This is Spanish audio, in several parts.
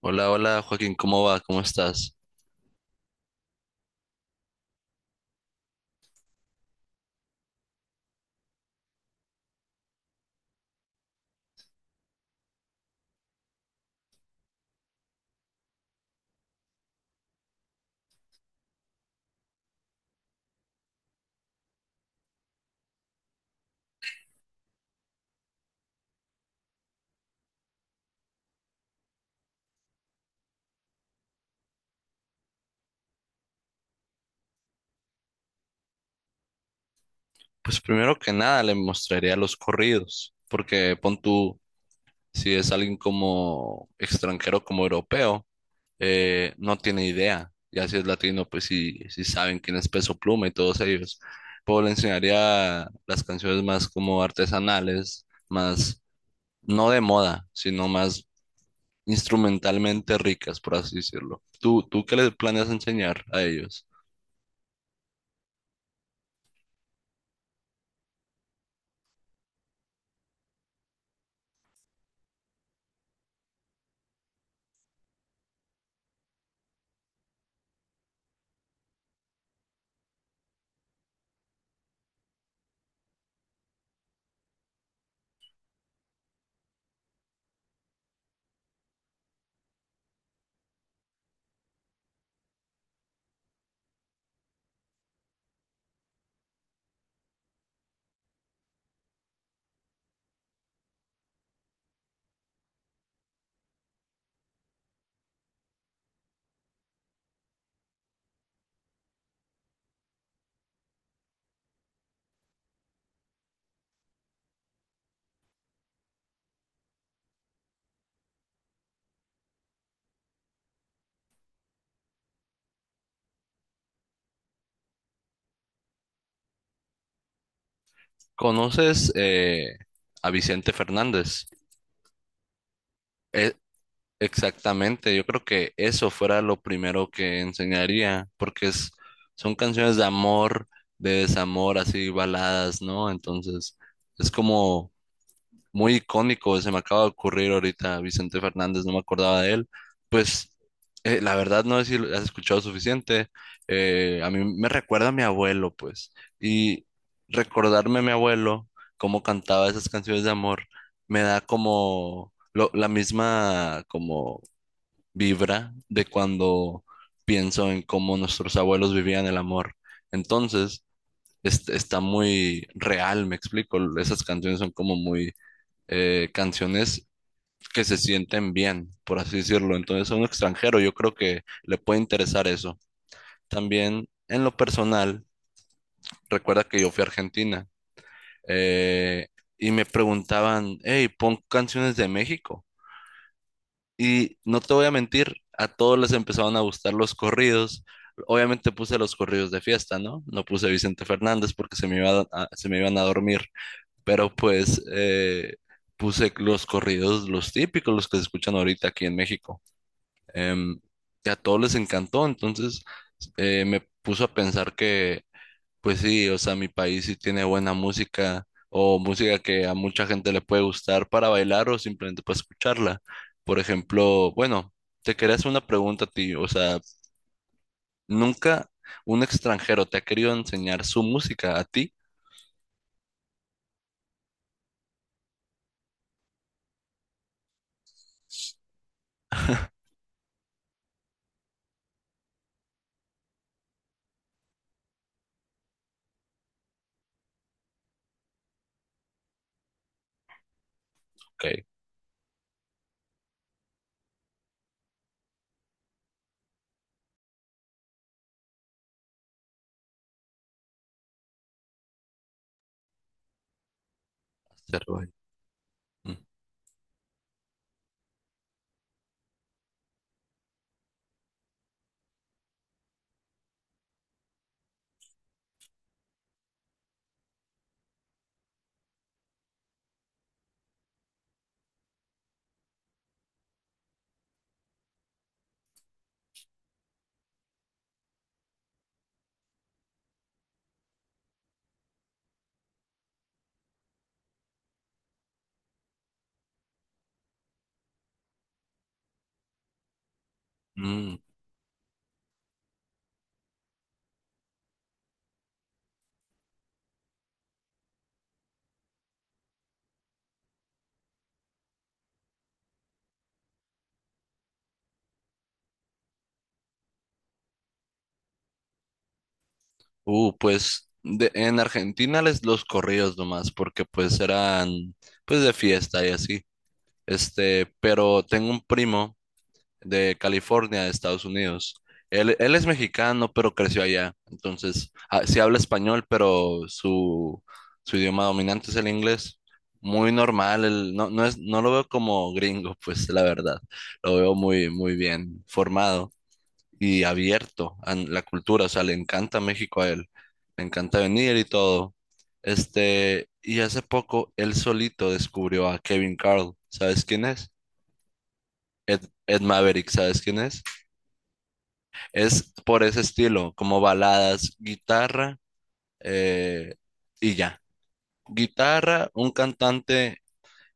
Hola, hola Joaquín, ¿cómo va? ¿Cómo estás? Pues primero que nada le mostraría los corridos, porque pon tú, si es alguien como extranjero, como europeo, no tiene idea. Ya si es latino, pues sí, sí saben quién es Peso Pluma y todos ellos. Pero le enseñaría las canciones más como artesanales, más no de moda, sino más instrumentalmente ricas, por así decirlo. ¿Tú qué les planeas enseñar a ellos? ¿Conoces a Vicente Fernández? E- Exactamente, yo creo que eso fuera lo primero que enseñaría, porque son canciones de amor, de desamor, así baladas, ¿no? Entonces, es como muy icónico, se me acaba de ocurrir ahorita Vicente Fernández, no me acordaba de él. Pues la verdad no sé si lo has escuchado suficiente. A mí me recuerda a mi abuelo, pues. Y recordarme a mi abuelo, cómo cantaba esas canciones de amor, me da como la misma como vibra de cuando pienso en cómo nuestros abuelos vivían el amor. Entonces, está muy real, me explico. Esas canciones son como muy canciones que se sienten bien, por así decirlo. Entonces a un extranjero yo creo que le puede interesar eso. También en lo personal, recuerda que yo fui a Argentina eh, y me preguntaban, hey, pon canciones de México. Y no te voy a mentir, a todos les empezaron a gustar los corridos. Obviamente puse los corridos de fiesta, ¿no? No puse Vicente Fernández porque se me se me iban a dormir. Pero pues puse los corridos, los típicos, los que se escuchan ahorita aquí en México. Em, y a todos les encantó, entonces me puso a pensar que, pues sí, o sea, mi país sí tiene buena música o música que a mucha gente le puede gustar para bailar o simplemente para escucharla. Por ejemplo, bueno, te quería hacer una pregunta a ti, o sea, ¿nunca un extranjero te ha querido enseñar su música a ti? Ok, hacerlo. Mm, mm. Pues en Argentina les los corridos nomás, porque pues eran pues de fiesta y así. Este, pero tengo un primo de California, de Estados Unidos. Él es mexicano, pero creció allá. Entonces, ah, sí habla español, pero su idioma dominante es el inglés. Muy normal, no, no es, no lo veo como gringo, pues la verdad. Lo veo muy, muy bien formado y abierto a la cultura, o sea, le encanta México a él, le encanta venir y todo. Este, y hace poco él solito descubrió a Kevin Carl, ¿sabes quién es? Ed, Ed Maverick, ¿sabes quién es? Es por ese estilo, como baladas, guitarra eh, y ya. Guitarra, un cantante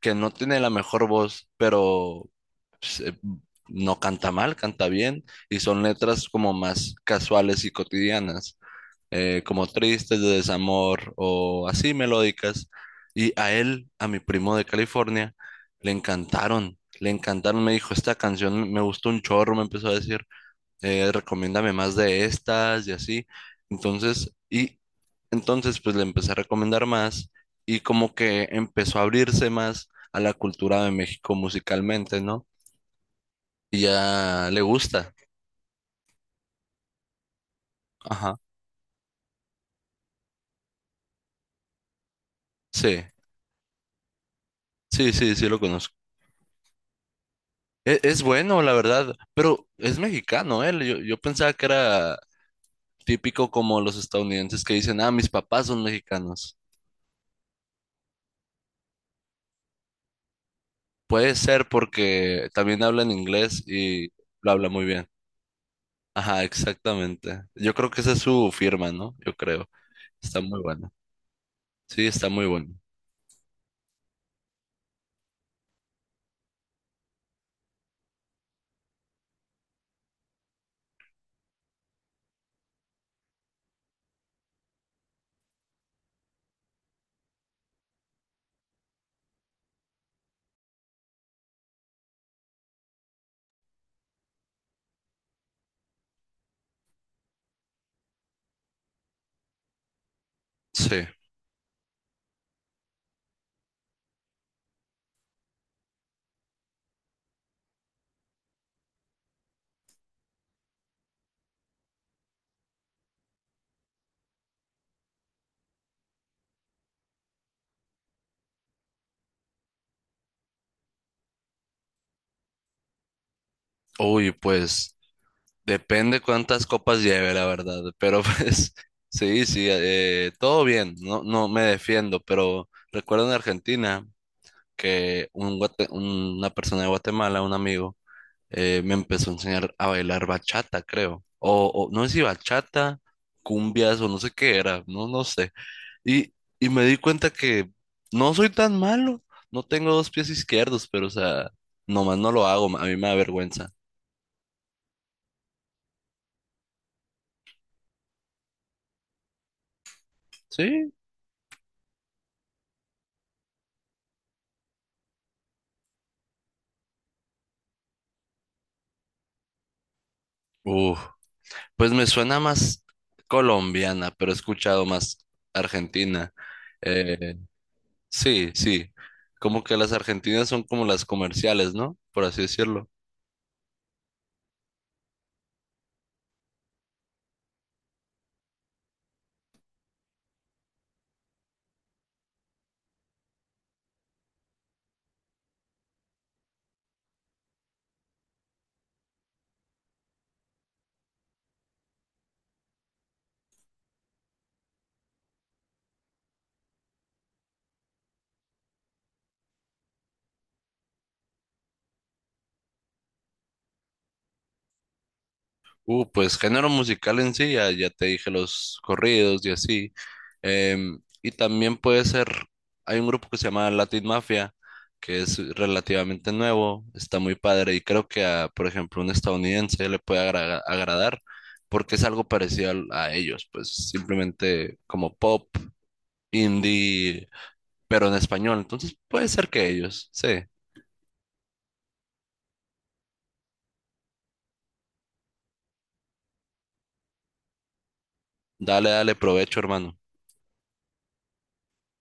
que no tiene la mejor voz, pero pues, no canta mal, canta bien, y son letras como más casuales y cotidianas. Como tristes, de desamor o así melódicas. Y a él, a mi primo de California, le encantaron, le encantaron. Me dijo, esta canción me gustó un chorro, me empezó a decir, recomiéndame más de estas y así. Entonces, entonces pues le empecé a recomendar más y como que empezó a abrirse más a la cultura de México musicalmente, ¿no? Y ya le gusta. Ajá. Sí, sí, sí, sí lo conozco. Es, bueno, la verdad, pero es mexicano él. Yo pensaba que era típico como los estadounidenses que dicen, ah, mis papás son mexicanos. Puede ser porque también hablan inglés y lo habla muy bien. Ajá, exactamente. Yo creo que esa es su firma, ¿no? Yo creo. Está muy bueno. Sí, está muy bueno. Sí. Uy, pues depende cuántas copas lleve, la verdad. Pero pues sí, sí, todo bien. No, no me defiendo, pero recuerdo en Argentina. Que una persona de Guatemala, un amigo, me empezó a enseñar a bailar bachata, creo. O no sé si bachata, cumbias o no sé qué era, no, no sé. Y, y me di cuenta que no soy tan malo, no tengo dos pies izquierdos, pero o sea, nomás no lo hago, a mí me da vergüenza. Sí. Uf, pues me suena más colombiana, pero he escuchado más argentina. eh, Sí, sí. Como que las argentinas son como las comerciales, ¿no? Por así decirlo. Pues género musical en sí, ya te dije los corridos y así. Y también puede ser, hay un grupo que se llama Latin Mafia, que es relativamente nuevo, está muy padre y creo que a, por ejemplo, un estadounidense le puede agradar porque es algo parecido a ellos, pues simplemente como pop, indie, pero en español. Entonces puede ser que ellos, sí. Dale, dale, provecho, hermano.